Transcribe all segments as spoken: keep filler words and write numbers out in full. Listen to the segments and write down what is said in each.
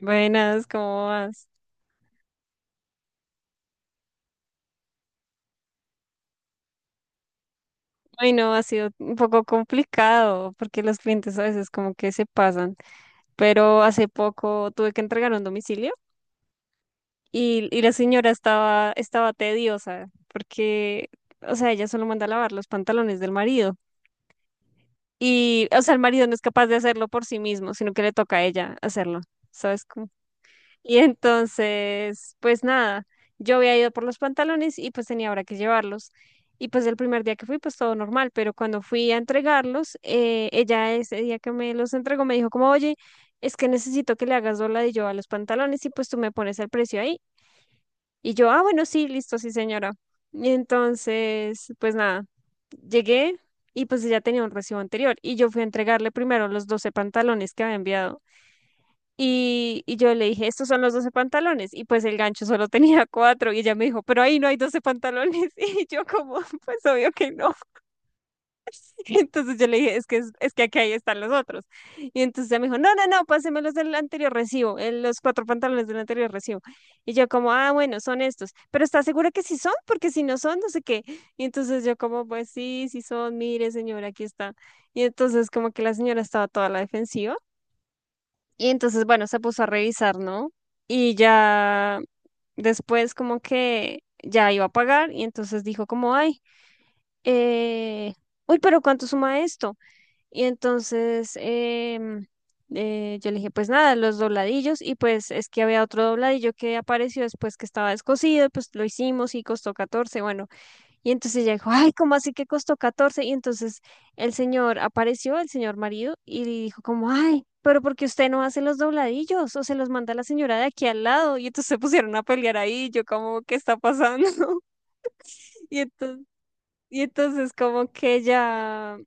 Buenas, ¿cómo vas? Bueno, ha sido un poco complicado porque los clientes a veces como que se pasan, pero hace poco tuve que entregar un domicilio y, y la señora estaba, estaba tediosa porque, o sea, ella solo manda a lavar los pantalones del marido y, o sea, el marido no es capaz de hacerlo por sí mismo, sino que le toca a ella hacerlo, ¿sabes? Y entonces, pues nada, yo había ido por los pantalones y pues tenía ahora que llevarlos. Y pues el primer día que fui, pues todo normal, pero cuando fui a entregarlos, eh, ella ese día que me los entregó me dijo como, oye, es que necesito que le hagas yo a los pantalones y pues tú me pones el precio ahí. Y yo, ah, bueno, sí, listo, sí, señora. Y entonces, pues nada, llegué y pues ella tenía un recibo anterior y yo fui a entregarle primero los doce pantalones que había enviado. Y, y yo le dije, estos son los doce pantalones. Y pues el gancho solo tenía cuatro. Y ella me dijo, pero ahí no hay doce pantalones. Y yo como, pues obvio que no. Entonces yo le dije, es que, es, es que aquí ahí están los otros. Y entonces ella me dijo, no, no, no, páseme los del anterior recibo, eh, los cuatro pantalones del anterior recibo. Y yo como, ah, bueno, son estos. Pero ¿estás segura que sí son? Porque si no son, no sé qué. Y entonces yo como, pues sí, sí son, mire, señora, aquí está. Y entonces como que la señora estaba toda a la defensiva. Y entonces, bueno, se puso a revisar, ¿no? Y ya después como que ya iba a pagar y entonces dijo como, ay, eh, uy, pero ¿cuánto suma esto? Y entonces em, eh, yo le dije, pues nada, los dobladillos y pues es que había otro dobladillo que apareció después que estaba descosido, pues lo hicimos y costó catorce, bueno, y entonces ella dijo, ay, ¿cómo así que costó catorce? Y entonces el señor apareció, el señor marido, y le dijo como, ay, pero porque usted no hace los dobladillos o se los manda la señora de aquí al lado. Y entonces se pusieron a pelear ahí, yo como, ¿qué está pasando? Y entonces, y entonces como que ella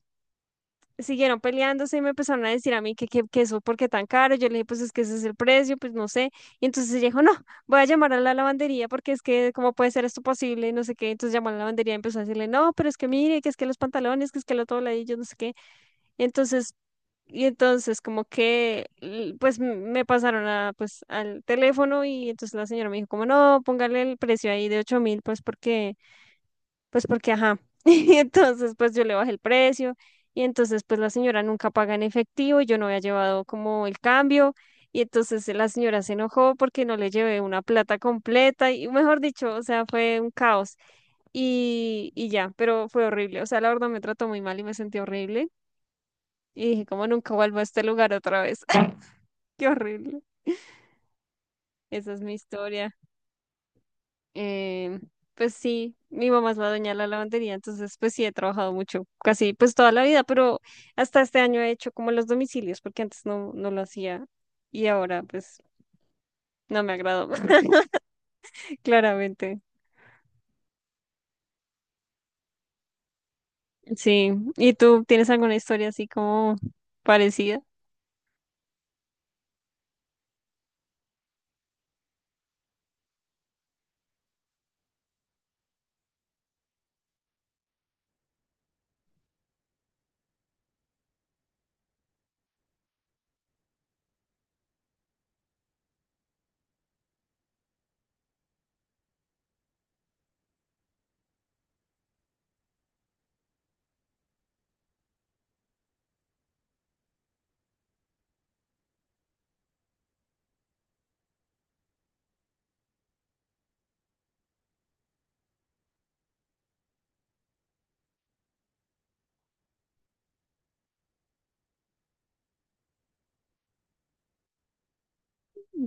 siguieron peleándose y me empezaron a decir a mí que, que, que eso, ¿por qué tan caro? Yo le dije, pues es que ese es el precio, pues no sé. Y entonces ella dijo, no, voy a llamar a la lavandería porque es que, ¿cómo puede ser esto posible? No sé qué. Entonces llamó a la lavandería y empezó a decirle, no, pero es que mire, que es que los pantalones, que es que lo todo, y yo no sé qué. Entonces, y entonces como que, l- pues m- me pasaron a, pues, al teléfono y entonces la señora me dijo, como no, póngale el precio ahí de ocho mil, pues porque pues porque ajá. Y entonces pues yo le bajé el precio y entonces pues la señora nunca paga en efectivo, yo no había llevado como el cambio y entonces eh, la señora se enojó porque no le llevé una plata completa y mejor dicho, o sea, fue un caos y, y ya, pero fue horrible, o sea, la verdad me trató muy mal y me sentí horrible y dije como nunca vuelvo a este lugar otra vez, qué horrible, esa es mi historia. Eh, pues sí, mi mamá es la dueña de la lavandería, entonces pues sí he trabajado mucho, casi pues toda la vida, pero hasta este año he hecho como los domicilios, porque antes no, no lo hacía y ahora pues no me agradó, claramente. Sí, ¿y tú tienes alguna historia así como parecida?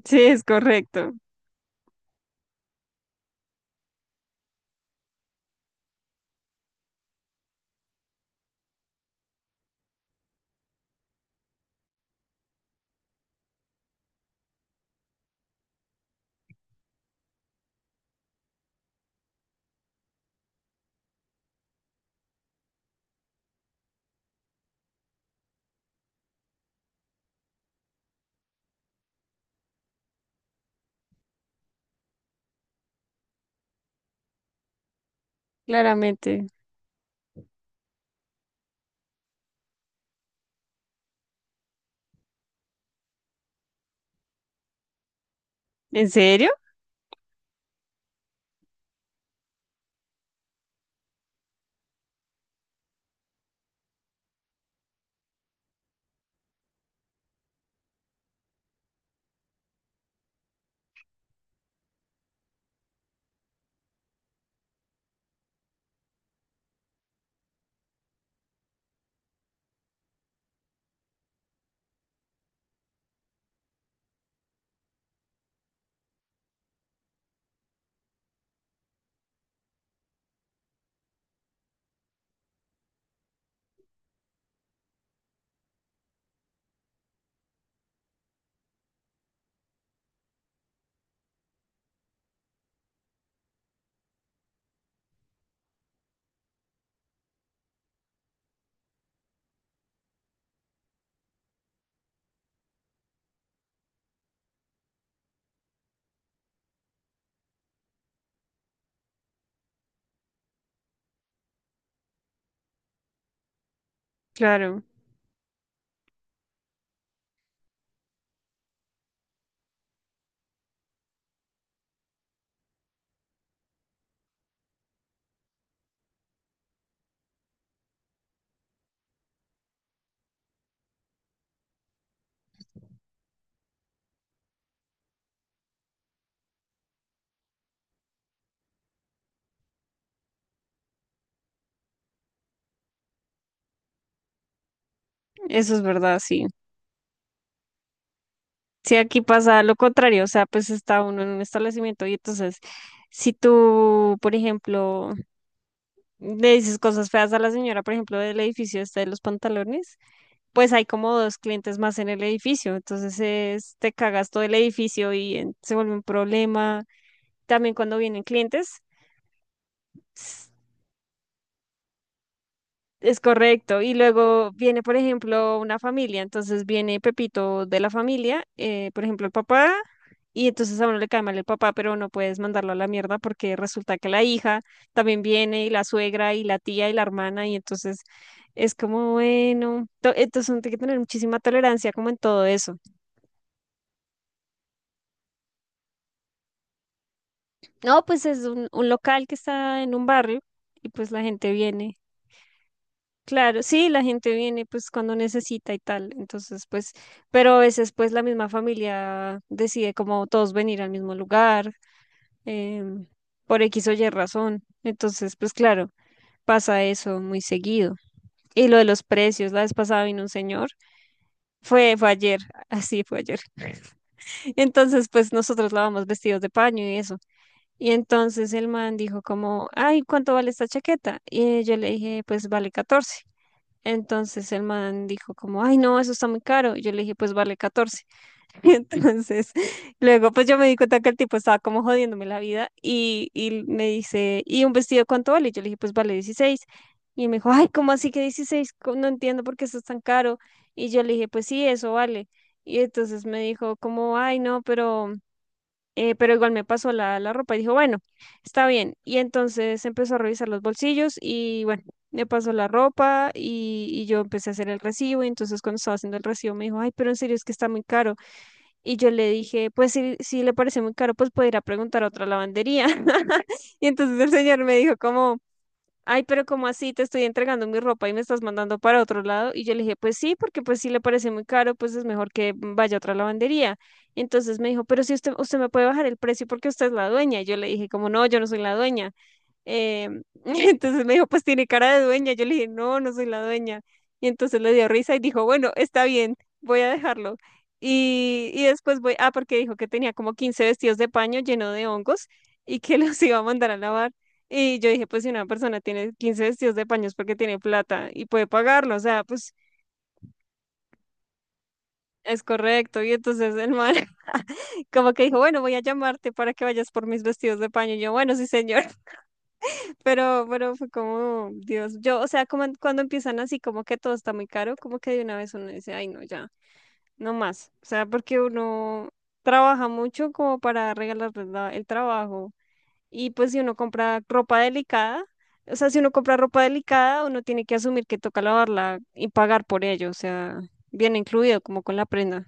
Sí, es correcto, claramente. ¿En serio? Claro, eso es verdad, sí. Si aquí pasa lo contrario, o sea, pues está uno en un establecimiento y entonces, si tú, por ejemplo, le dices cosas feas a la señora, por ejemplo, del edificio este de los pantalones, pues hay como dos clientes más en el edificio, entonces es, te cagas todo el edificio y en- se vuelve un problema. También cuando vienen clientes, es correcto. Y luego viene, por ejemplo, una familia. Entonces viene Pepito de la familia, eh, por ejemplo, el papá. Y entonces a uno le cae mal el papá, pero no puedes mandarlo a la mierda porque resulta que la hija también viene y la suegra y la tía y la hermana. Y entonces es como, bueno, to- entonces uno tiene que tener muchísima tolerancia como en todo eso. No, pues es un, un local que está en un barrio y pues la gente viene. Claro, sí, la gente viene pues cuando necesita y tal, entonces pues, pero a veces pues la misma familia decide como todos venir al mismo lugar, em, por X o Y razón, entonces pues claro, pasa eso muy seguido. Y lo de los precios, la vez pasada vino un señor, fue, fue ayer, así fue ayer. Entonces pues nosotros lavamos vestidos de paño y eso. Y entonces el man dijo como, ay, ¿cuánto vale esta chaqueta? Y yo le dije, pues vale catorce. Entonces el man dijo como, ay, no, eso está muy caro. Y yo le dije, pues vale catorce. Entonces, luego pues yo me di cuenta que el tipo estaba como jodiéndome la vida y, y me dice, ¿y un vestido cuánto vale? Y yo le dije, pues vale dieciséis. Y me dijo, ay, ¿cómo así que dieciséis? Co- No entiendo por qué eso es tan caro. Y yo le dije, pues sí, eso vale. Y entonces me dijo como, ay, no, pero eh, pero igual me pasó la, la ropa y dijo, bueno, está bien. Y entonces empezó a revisar los bolsillos y bueno, me pasó la ropa y, y yo empecé a hacer el recibo. Y entonces cuando estaba haciendo el recibo me dijo, ay, pero en serio es que está muy caro. Y yo le dije, pues si, si le parece muy caro, pues puede ir a preguntar a otra lavandería. Y entonces el señor me dijo como... Ay, pero ¿cómo así? Te estoy entregando mi ropa y me estás mandando para otro lado. Y yo le dije, pues sí, porque pues si le parece muy caro, pues es mejor que vaya a otra lavandería. Entonces me dijo, pero si usted, usted me puede bajar el precio porque usted es la dueña. Y yo le dije, como no, yo no soy la dueña. Em, entonces me dijo, pues tiene cara de dueña. Yo le dije, no, no soy la dueña. Y entonces le dio risa y dijo, bueno, está bien, voy a dejarlo. Y, y después voy, ah, porque dijo que tenía como quince vestidos de paño lleno de hongos y que los iba a mandar a lavar. Y yo dije, pues si una persona tiene quince vestidos de paños porque tiene plata y puede pagarlo, o sea, pues es correcto. Y entonces el man como que dijo, bueno, voy a llamarte para que vayas por mis vestidos de paño. Y yo, bueno, sí, señor. Pero, pero fue como, Dios, yo, o sea, como en- cuando empiezan así, como que todo está muy caro, como que de una vez uno dice, ay, no, ya, no más. O sea, porque uno trabaja mucho como para regalar el trabajo. Y pues si uno compra ropa delicada, o sea, si uno compra ropa delicada, uno tiene que asumir que toca lavarla y pagar por ello, o sea, viene incluido como con la prenda.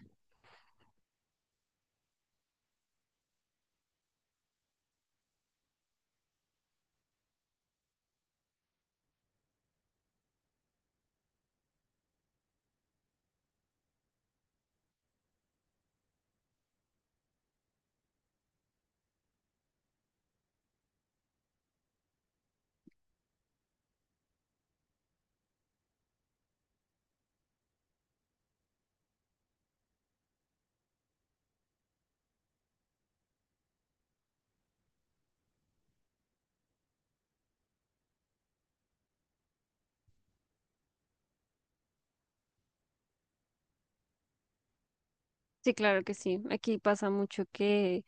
Sí, claro que sí. Aquí pasa mucho que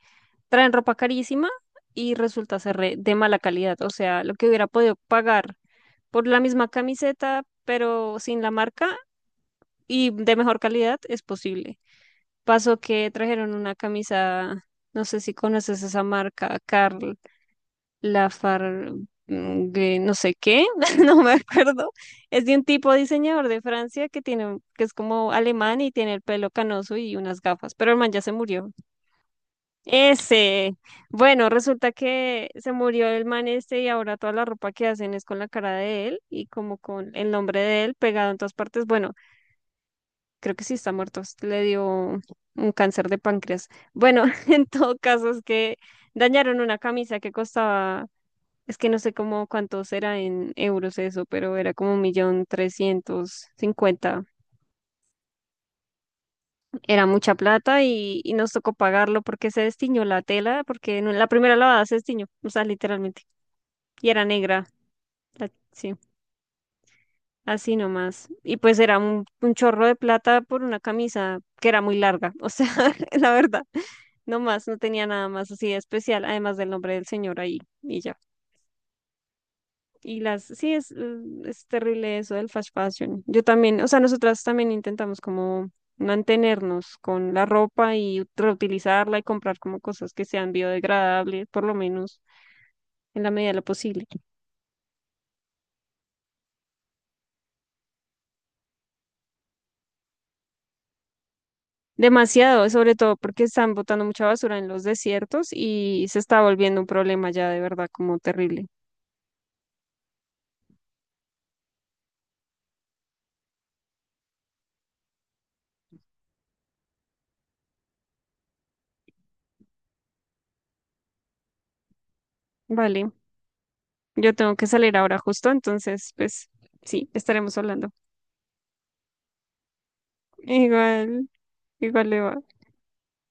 traen ropa carísima y resulta ser re- de mala calidad, o sea, lo que hubiera podido pagar por la misma camiseta, pero sin la marca y de mejor calidad, es posible. Pasó que trajeron una camisa, no sé si conoces esa marca, Karl Lafar, mm, que no sé qué, no me acuerdo. Es de un tipo diseñador de Francia que tiene, un- que es como alemán y tiene el pelo canoso y unas gafas, pero el man ya se murió. Ese, bueno, resulta que se murió el man este y ahora toda la ropa que hacen es con la cara de él y como con el nombre de él pegado en todas partes. Bueno, creo que sí está muerto, le dio un cáncer de páncreas. Bueno, en todo caso es que dañaron una camisa que costaba, es que no sé cómo cuántos era en euros eso, pero era como un millón trescientos cincuenta. Era mucha plata y, y nos tocó pagarlo porque se destiñó la tela, porque en la primera lavada se destiñó, o sea, literalmente, y era negra, la- sí. Así nomás. Y pues era un, un chorro de plata por una camisa que era muy larga, o sea, la verdad, no más, no tenía nada más así de especial, además del nombre del señor ahí y ya. Y las, sí, es, mm, es terrible eso del fast fashion. Yo también, o sea, nosotras también intentamos como mantenernos con la ropa y reutilizarla y comprar como cosas que sean biodegradables, por lo menos en la medida de lo posible. Demasiado, sobre todo porque están botando mucha basura en los desiertos y se está volviendo un problema ya de verdad como terrible. Vale, yo tengo que salir ahora justo, entonces pues sí, estaremos hablando. Igual, igual le va.